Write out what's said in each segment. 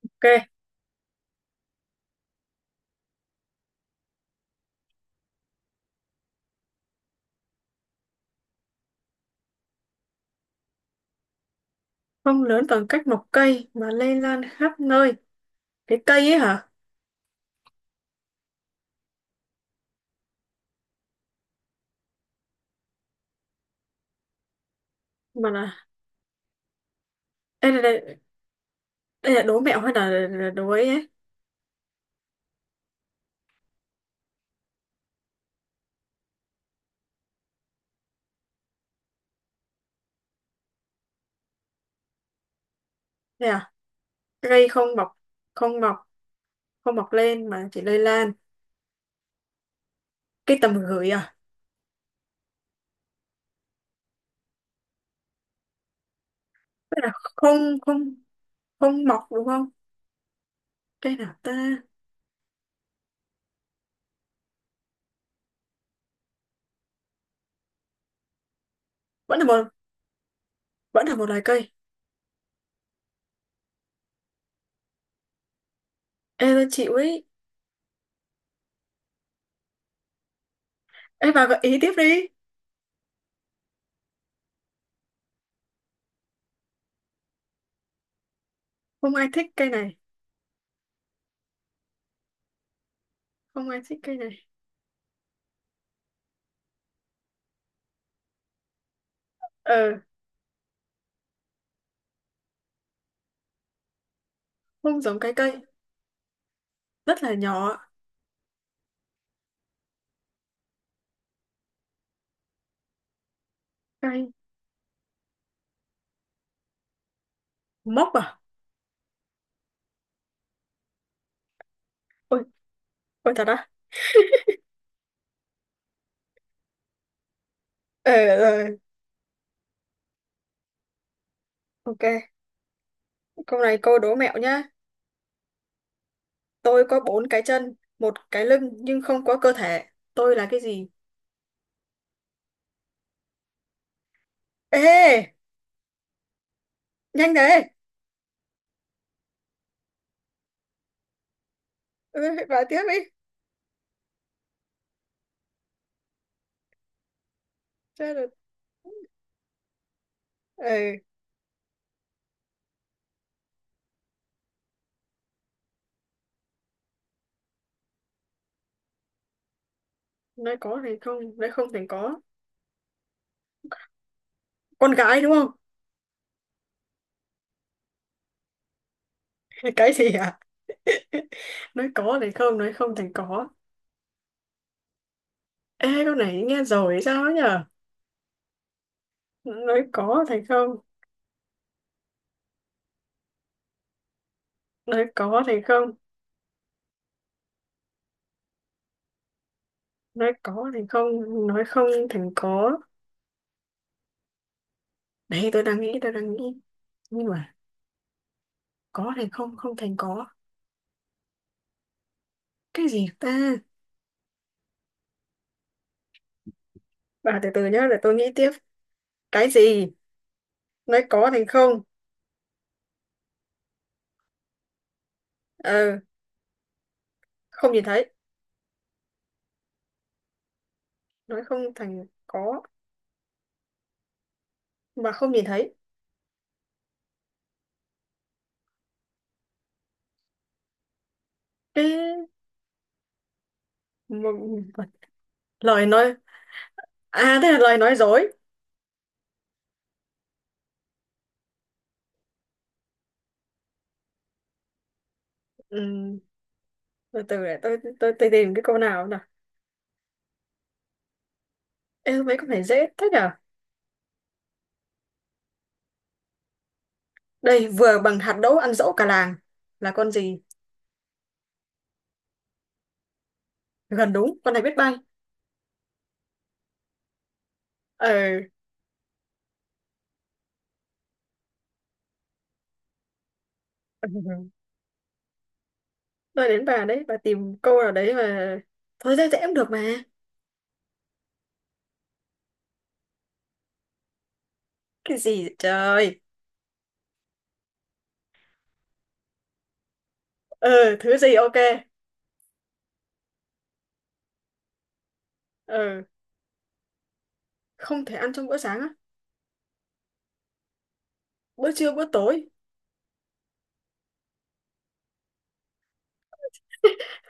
Ok, không lớn bằng cách một cây mà lây lan khắp nơi. Cái cây ấy hả? Mà là đây, đây là đố mẹo hay là đố ấy ấy? Đây à? Cây không mọc, không mọc, không mọc lên mà chỉ lây lan. Cây tầm gửi à? Tức là không không không mọc đúng không? Cây nào ta? Vẫn là một vẫn là một loài cây. Ê tôi chịu ấy. Ê bà gợi ý tiếp đi. Không ai thích cây này, không ai thích cây này. Ờ, không giống cái cây, rất là nhỏ. Cây mốc à? Ôi, ôi thật á? Ờ, ờ. Ok, câu này câu đố mẹo nhá. Tôi có bốn cái chân, một cái lưng nhưng không có cơ thể. Tôi là cái gì? Ê, nhanh đấy. Ừ, vào tiếp đi. Chết rồi. Ừ, nói có thì không, nói không thì có. Con gái đúng không? Cái gì à? Nói có thì không, nói không thì có. Ê, câu này nghe rồi hay sao ấy nhở? Nói có thì không, nói có thì không, nói có thì không, nói không thì có. Đấy, tôi đang nghĩ, tôi đang nghĩ. Nhưng mà có thì không, không thành có. Cái gì ta? Bà từ từ nhá để tôi nghĩ tiếp. Cái gì? Nói có thành không. Ờ, không nhìn thấy. Nói không thành có mà không nhìn thấy. Cái... Một... lời nói. À, thế là lời nói dối. Ừm, từ từ để tôi tìm cái câu nào nào. Ê, mấy con này dễ thế nhở? Đây, vừa bằng hạt đỗ ăn dỗ cả làng là con gì? Gần đúng. Con này biết bay. Ờ. Ừ. Tôi đến bà đấy, bà tìm câu nào đấy mà. Thôi dễ dễ cũng được mà. Cái gì vậy trời? Ừ. Thứ gì? Ok. Ờ. Không thể ăn trong bữa sáng á? Bữa trưa, bữa tối.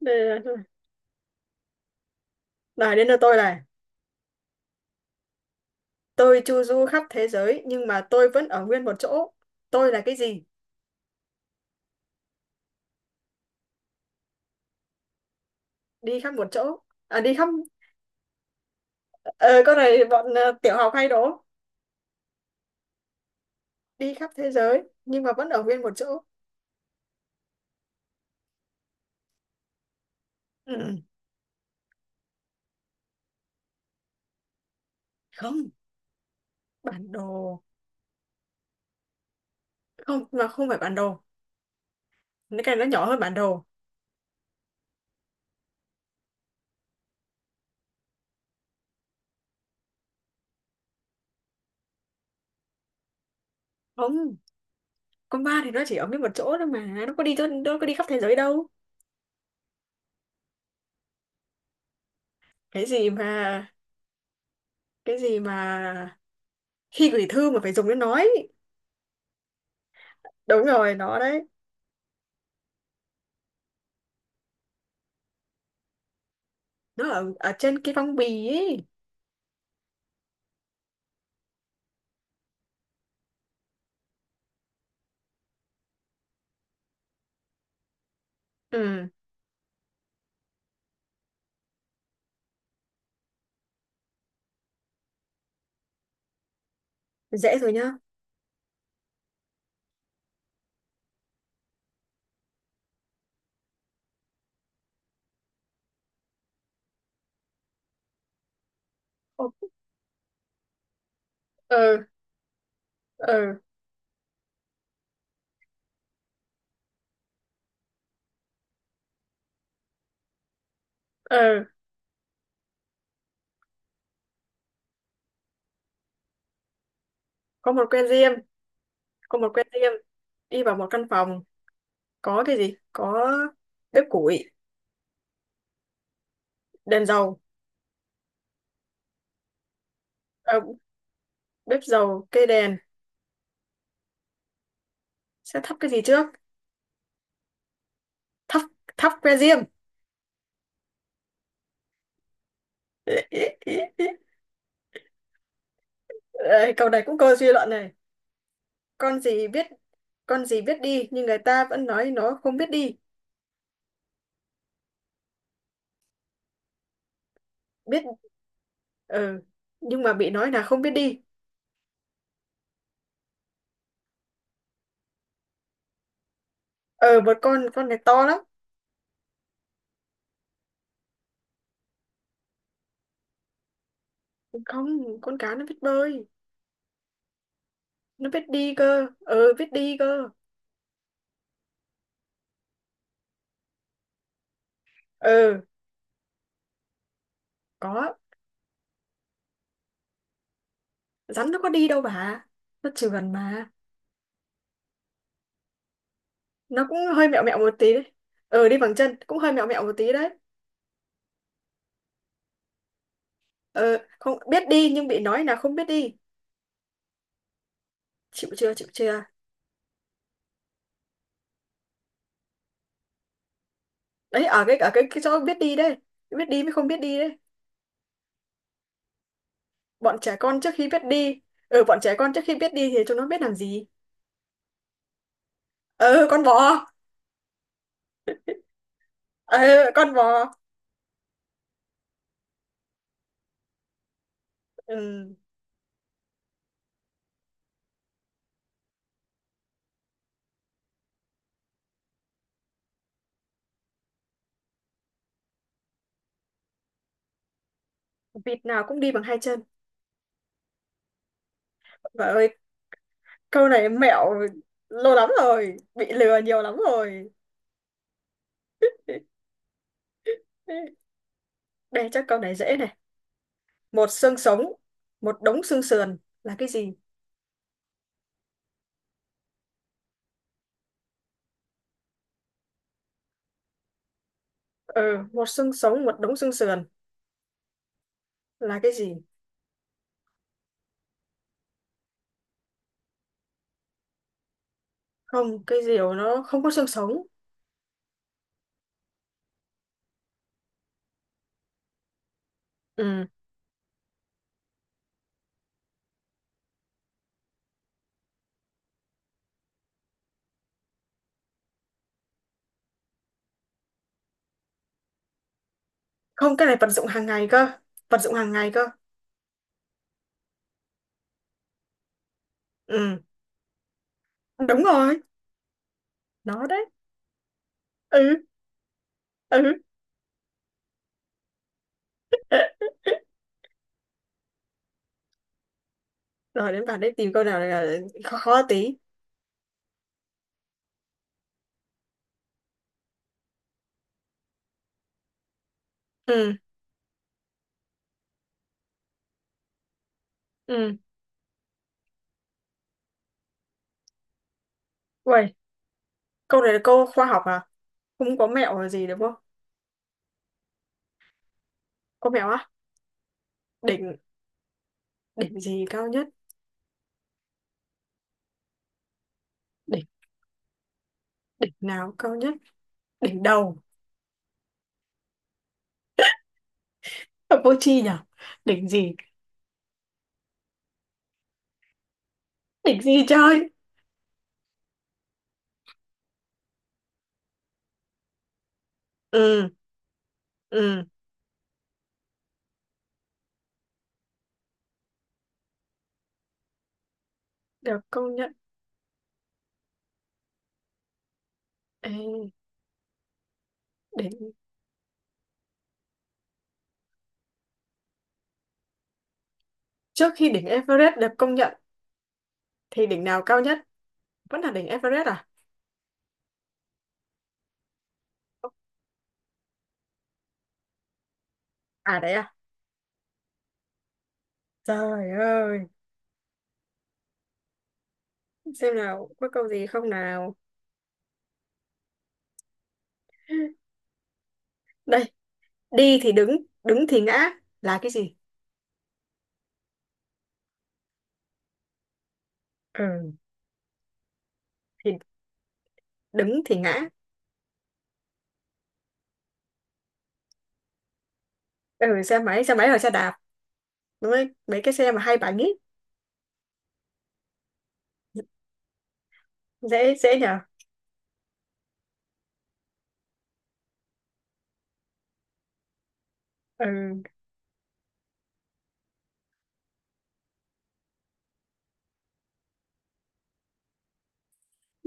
đây là này đến lượt tôi này. Tôi chu du khắp thế giới nhưng mà tôi vẫn ở nguyên một chỗ. Tôi là cái gì? Đi khắp một chỗ. À, đi khắp. Ờ con này bọn, tiểu học hay đố. Đi khắp thế giới nhưng mà vẫn ở nguyên một chỗ. Ừ. Ừ. Không. Bản đồ. Không, mà không phải bản đồ. Cái này nó nhỏ hơn bản đồ. Không, con ba thì nó chỉ ở nguyên một chỗ thôi mà nó có đi khắp thế giới đâu. Cái gì mà cái gì mà khi gửi thư mà phải dùng đến nói, ấy. Đúng rồi, nó đấy. Nó ở trên cái phong bì ấy. Ừ. Dễ rồi nhá. Ô. Ờ, ờ, ờ. Có một que diêm. Có một que diêm, đi vào một căn phòng, có cái gì? Có bếp củi, đèn dầu. Ờ, bếp dầu, cây đèn. Sẽ thắp cái gì trước? Thắp thắp que diêm. Ê, câu này cũng câu suy luận này. Con gì biết con gì biết đi nhưng người ta vẫn nói nó không biết đi. Biết. Ừ. Nhưng mà bị nói là không biết đi. Ờ một con này to lắm. Không, con cá nó biết bơi. Nó biết đi cơ, biết đi cơ. Ờ. Có. Rắn nó có đi đâu bà. Nó trườn mà. Nó cũng hơi mẹo mẹo một tí đấy. Ờ, đi bằng chân cũng hơi mẹo mẹo một tí đấy. Ờ, không biết đi nhưng bị nói là không biết đi. Chịu chưa? Chịu chưa? Đấy, ở cái chỗ biết đi đấy. Biết đi mới không biết đi đấy. Bọn trẻ con trước khi biết đi. Ờ, bọn trẻ con trước khi biết đi thì chúng nó biết làm gì? Ờ, con bò. Ờ, con bò. Ừ, vịt nào cũng đi bằng hai chân. Bà ơi, câu này mẹo, lâu lắm rồi bị lừa nhiều lắm rồi. Đây, chắc câu này dễ này. Một xương sống, một đống xương sườn là cái gì? Ừ, một xương sống, một đống xương sườn là cái gì? Không, cái diều nó không có xương sống. Ừ. Không, cái này vật dụng hàng ngày cơ. Vật dụng hàng ngày cơ. Ừ. Đúng rồi, nó đấy. Ừ. Ừ. Rồi đến bạn đấy, tìm câu nào là khó khó tí. Ừ. Ừ. Uầy, câu này là câu khoa học à? Không có mẹo là gì đúng không? Có mẹo á? Đỉnh, đỉnh gì cao nhất? Đỉnh, đỉnh nào cao nhất? Đỉnh đầu. Ở vô tri nhỉ? Đỉnh gì? Đỉnh gì chơi? Ừ, ừ, được công nhận. Ê, đỉnh. Trước khi đỉnh Everest được công nhận, thì đỉnh nào cao nhất? Vẫn là đỉnh Everest à? À đấy à? Trời ơi, xem nào, có câu gì không nào? Đây, đi thì đứng, đứng thì ngã là cái gì? Ừ, thì đứng thì ngã. Ừ, xe máy hoặc xe đạp, đúng đấy mấy cái xe mà hai bánh ấy. Dễ dễ nhở. Ừ.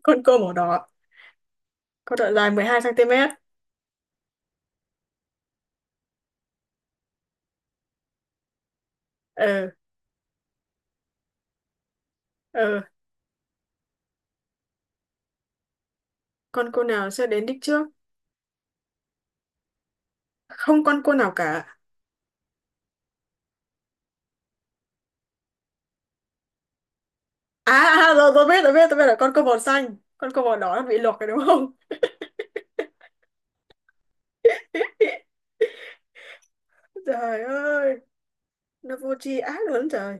Con cô màu đỏ có độ dài 12 cm. Ừ. Ừ. Con cô nào sẽ đến đích trước? Không con cô nào cả. Rồi tôi biết, tôi biết là con cô màu xanh, con cô màu đỏ nó bị luộc rồi đúng không? Trời ơi, nó vô tri ác lớn trời.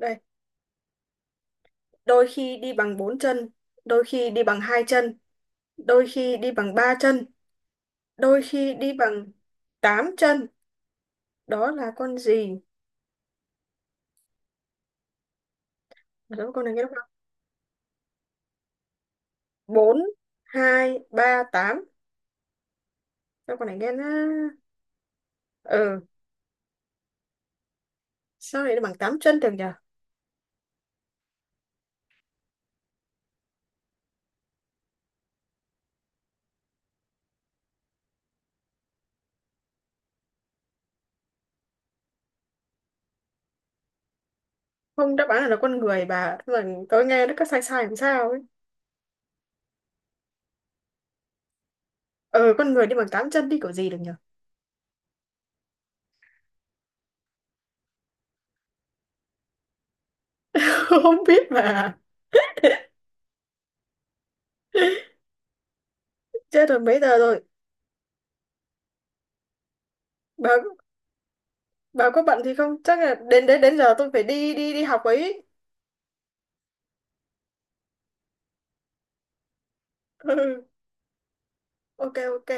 Đây, đôi khi đi bằng bốn chân, đôi khi đi bằng hai chân, đôi khi đi bằng ba chân, đôi khi đi bằng tám chân, đó là con gì? Đó con này nghe. Bốn, hai, ba, tám. Sao con này nghe nó. Ừ. Sao lại bằng tám chân được nhỉ? Không, đáp án là con người bà. Thế mà tôi nghe nó có sai sai làm sao ấy. Ừ, con người đi bằng tám chân đi kiểu gì được nhỉ. Không biết bà. Chết rồi, mấy giờ rồi? Bà bà có bận thì không, chắc là đến đến đến giờ tôi phải đi đi đi học ấy. Ừ. Ok, ok.